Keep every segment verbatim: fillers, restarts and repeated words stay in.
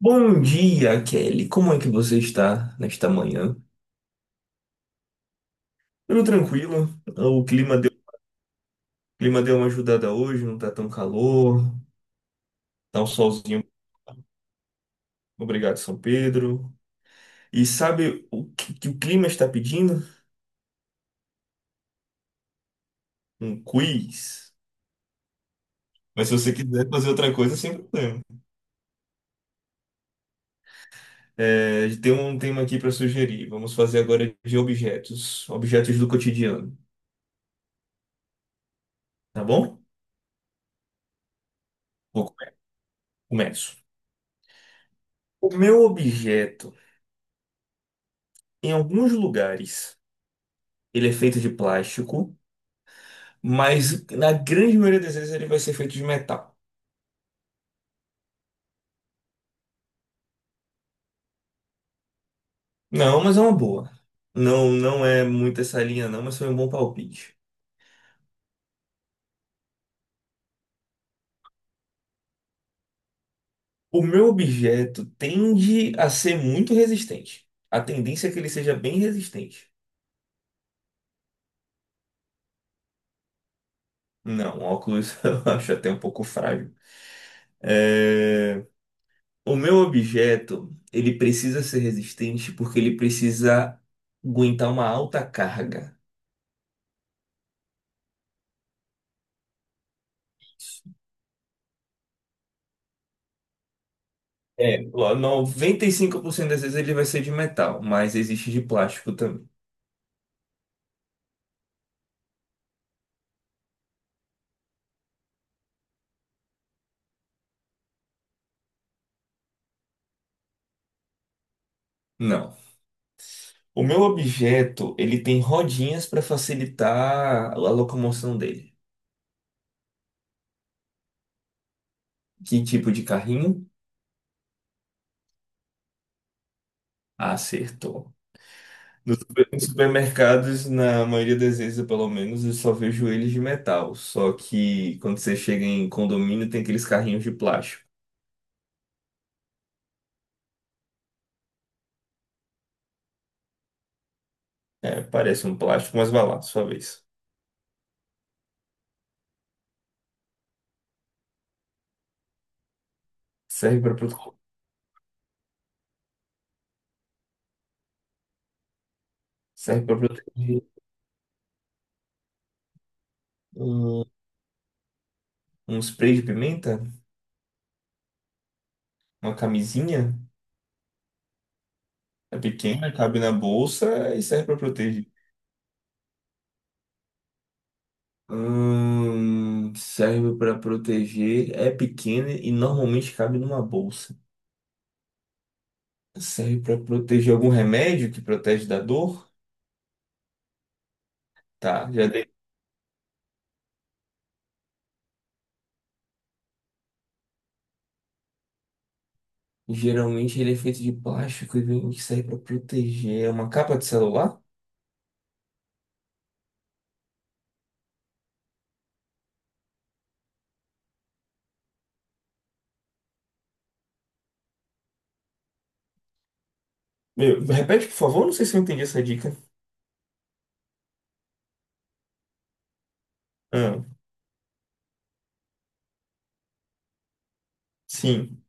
Bom dia, Kelly. Como é que você está nesta manhã? Tudo tranquilo? O clima deu, o clima deu uma ajudada hoje, não tá tão calor, tá um solzinho. Obrigado, São Pedro. E sabe o que, que o clima está pedindo? Um quiz. Mas se você quiser fazer outra coisa, sem problema. É, tem um tema aqui para sugerir. Vamos fazer agora de objetos, objetos do cotidiano, tá bom? Vou come- Começo. O meu objeto, em alguns lugares, ele é feito de plástico. Mas na grande maioria das vezes ele vai ser feito de metal. Não, mas é uma boa. Não, não é muito essa linha não, mas foi um bom palpite. O meu objeto tende a ser muito resistente. A tendência é que ele seja bem resistente. Não, óculos eu acho até um pouco frágil. É, O meu objeto, ele precisa ser resistente porque ele precisa aguentar uma alta carga. É, ó, noventa e cinco por cento das vezes ele vai ser de metal, mas existe de plástico também. Não. O meu objeto, ele tem rodinhas para facilitar a locomoção dele. Que tipo de carrinho? Acertou. Nos super- nos supermercados, na maioria das vezes, eu, pelo menos, eu só vejo eles de metal. Só que quando você chega em condomínio, tem aqueles carrinhos de plástico. É, parece um plástico, mas vai lá, sua vez. Serve para prote... Serve para proteger um, um spray de pimenta, uma camisinha. É pequena, cabe na bolsa e serve para proteger. Hum, serve para proteger, é pequena e normalmente cabe numa bolsa. Serve para proteger algum remédio que protege da dor? Tá, já dei. Geralmente ele é feito de plástico e vem que serve para proteger. É uma capa de celular? Meu, repete, por favor, não sei se eu entendi essa dica. Ah, sim.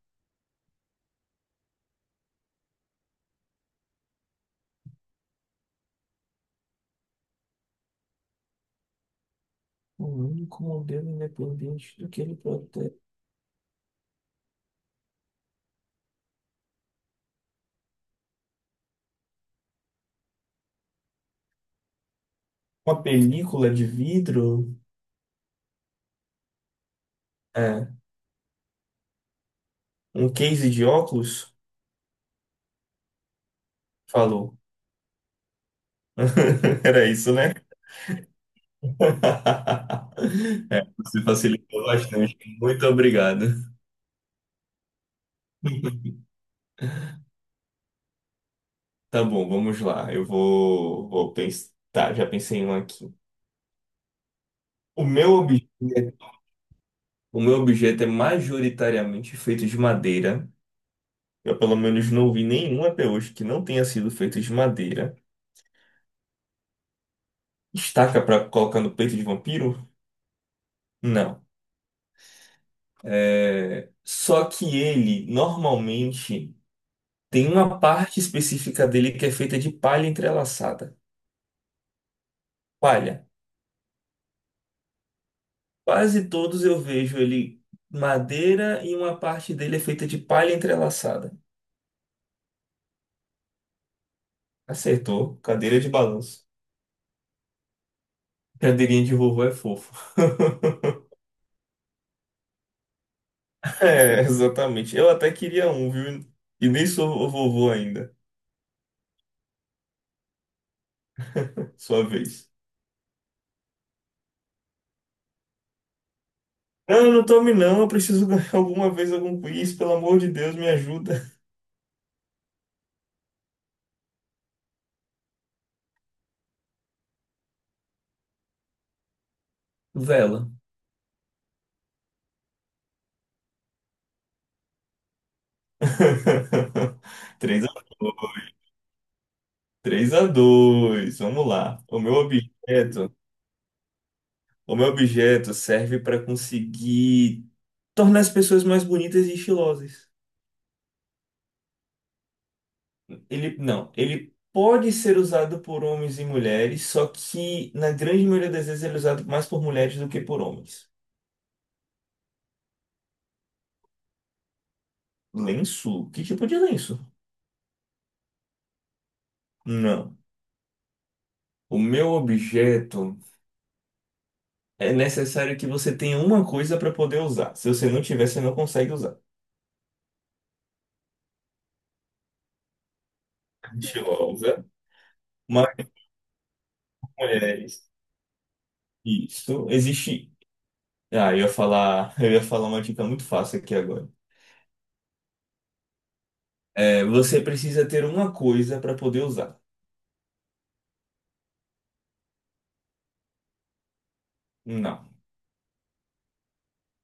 O único modelo independente do que ele protege. Uma película de vidro? É. Um case de óculos? Falou. Era isso, né? É, você facilitou bastante. Muito obrigado. Tá bom, vamos lá. Eu vou, vou pensar. Tá, já pensei em um aqui. O meu objeto, o meu objeto é majoritariamente feito de madeira. Eu, pelo menos, não vi nenhum até hoje que não tenha sido feito de madeira. Estaca pra colocar no peito de vampiro? Não. É... Só que ele, normalmente, tem uma parte específica dele que é feita de palha entrelaçada. Palha. Quase todos eu vejo ele madeira e uma parte dele é feita de palha entrelaçada. Acertou. Cadeira de balanço. Cadeirinha de vovô é fofo. É, exatamente. Eu até queria um, viu? E nem sou vovô ainda. Sua vez. Não, não tome não. Eu preciso ganhar alguma vez algum quiz. Pelo amor de Deus, me ajuda. Vela. Três a, três a dois. Vamos lá. O meu objeto, o meu objeto serve para conseguir tornar as pessoas mais bonitas e estilosas. Ele não, ele pode ser usado por homens e mulheres, só que na grande maioria das vezes ele é usado mais por mulheres do que por homens. Lenço? Que tipo de lenço? Não. O meu objeto é necessário que você tenha uma coisa para poder usar. Se você não tiver, você não consegue usar. Estilosa, mais mulheres. Isso existe. Ah, eu ia falar, eu ia falar uma dica muito fácil aqui agora. É, você precisa ter uma coisa para poder usar. Não.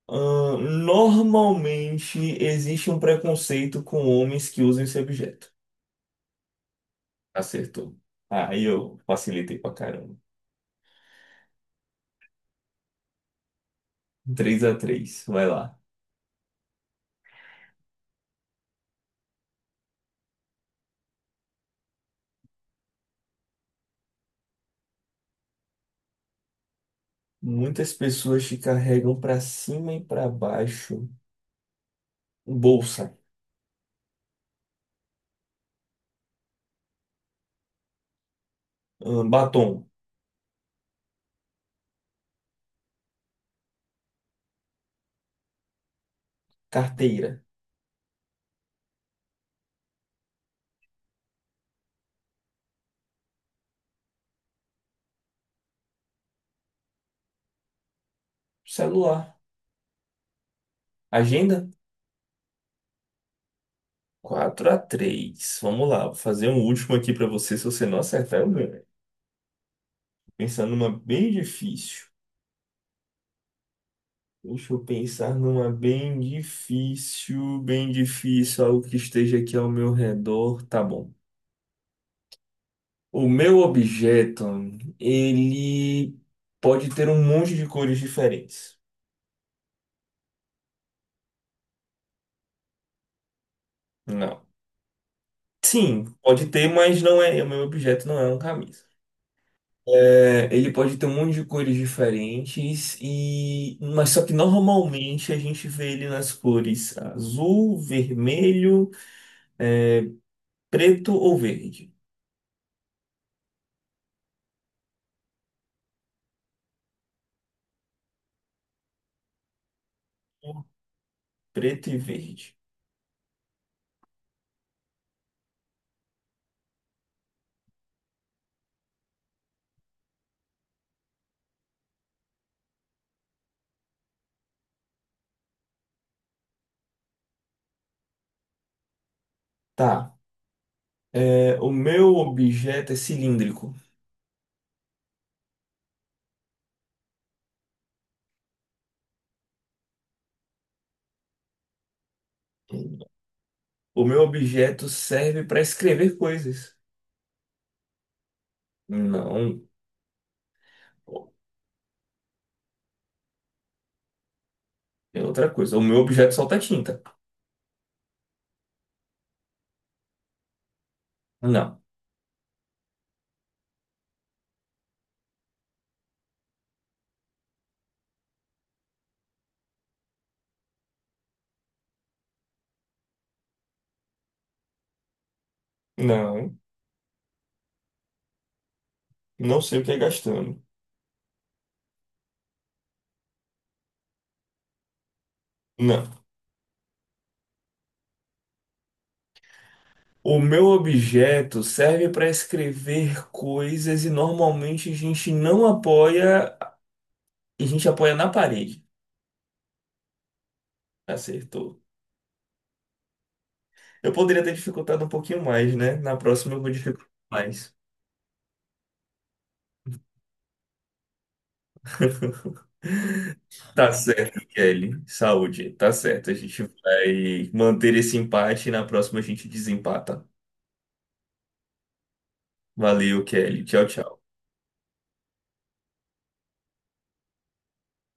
Ahn, normalmente existe um preconceito com homens que usam esse objeto. Acertou. Aí eu facilitei pra caramba. Três a três, vai lá. Muitas pessoas te carregam pra cima e pra baixo. Bolsa, ahn, batom, carteira, celular, agenda. Quatro a três. Vamos lá, vou fazer um último aqui pra você. Se você não acertar, eu ganho. Pensando numa bem difícil. Deixa eu pensar numa bem difícil, bem difícil, algo que esteja aqui ao meu redor. Tá bom. O meu objeto, ele pode ter um monte de cores diferentes. Não. Sim, pode ter, mas não é. O meu objeto não é uma camisa. É, ele pode ter um monte de cores diferentes e, mas só que normalmente a gente vê ele nas cores azul, vermelho, preto ou verde. Preto e verde. Tá. É, o meu objeto é cilíndrico. O meu objeto serve para escrever coisas. Não, é outra coisa. O meu objeto solta tinta. Não. Não, não sei o que é gastando. Não. O meu objeto serve para escrever coisas e normalmente a gente não apoia, a gente apoia na parede. Acertou. Eu poderia ter dificultado um pouquinho mais, né? Na próxima eu vou dificultar mais. Tá certo, Kelly. Saúde. Tá certo. A gente vai manter esse empate e na próxima a gente desempata. Valeu, Kelly. Tchau, tchau.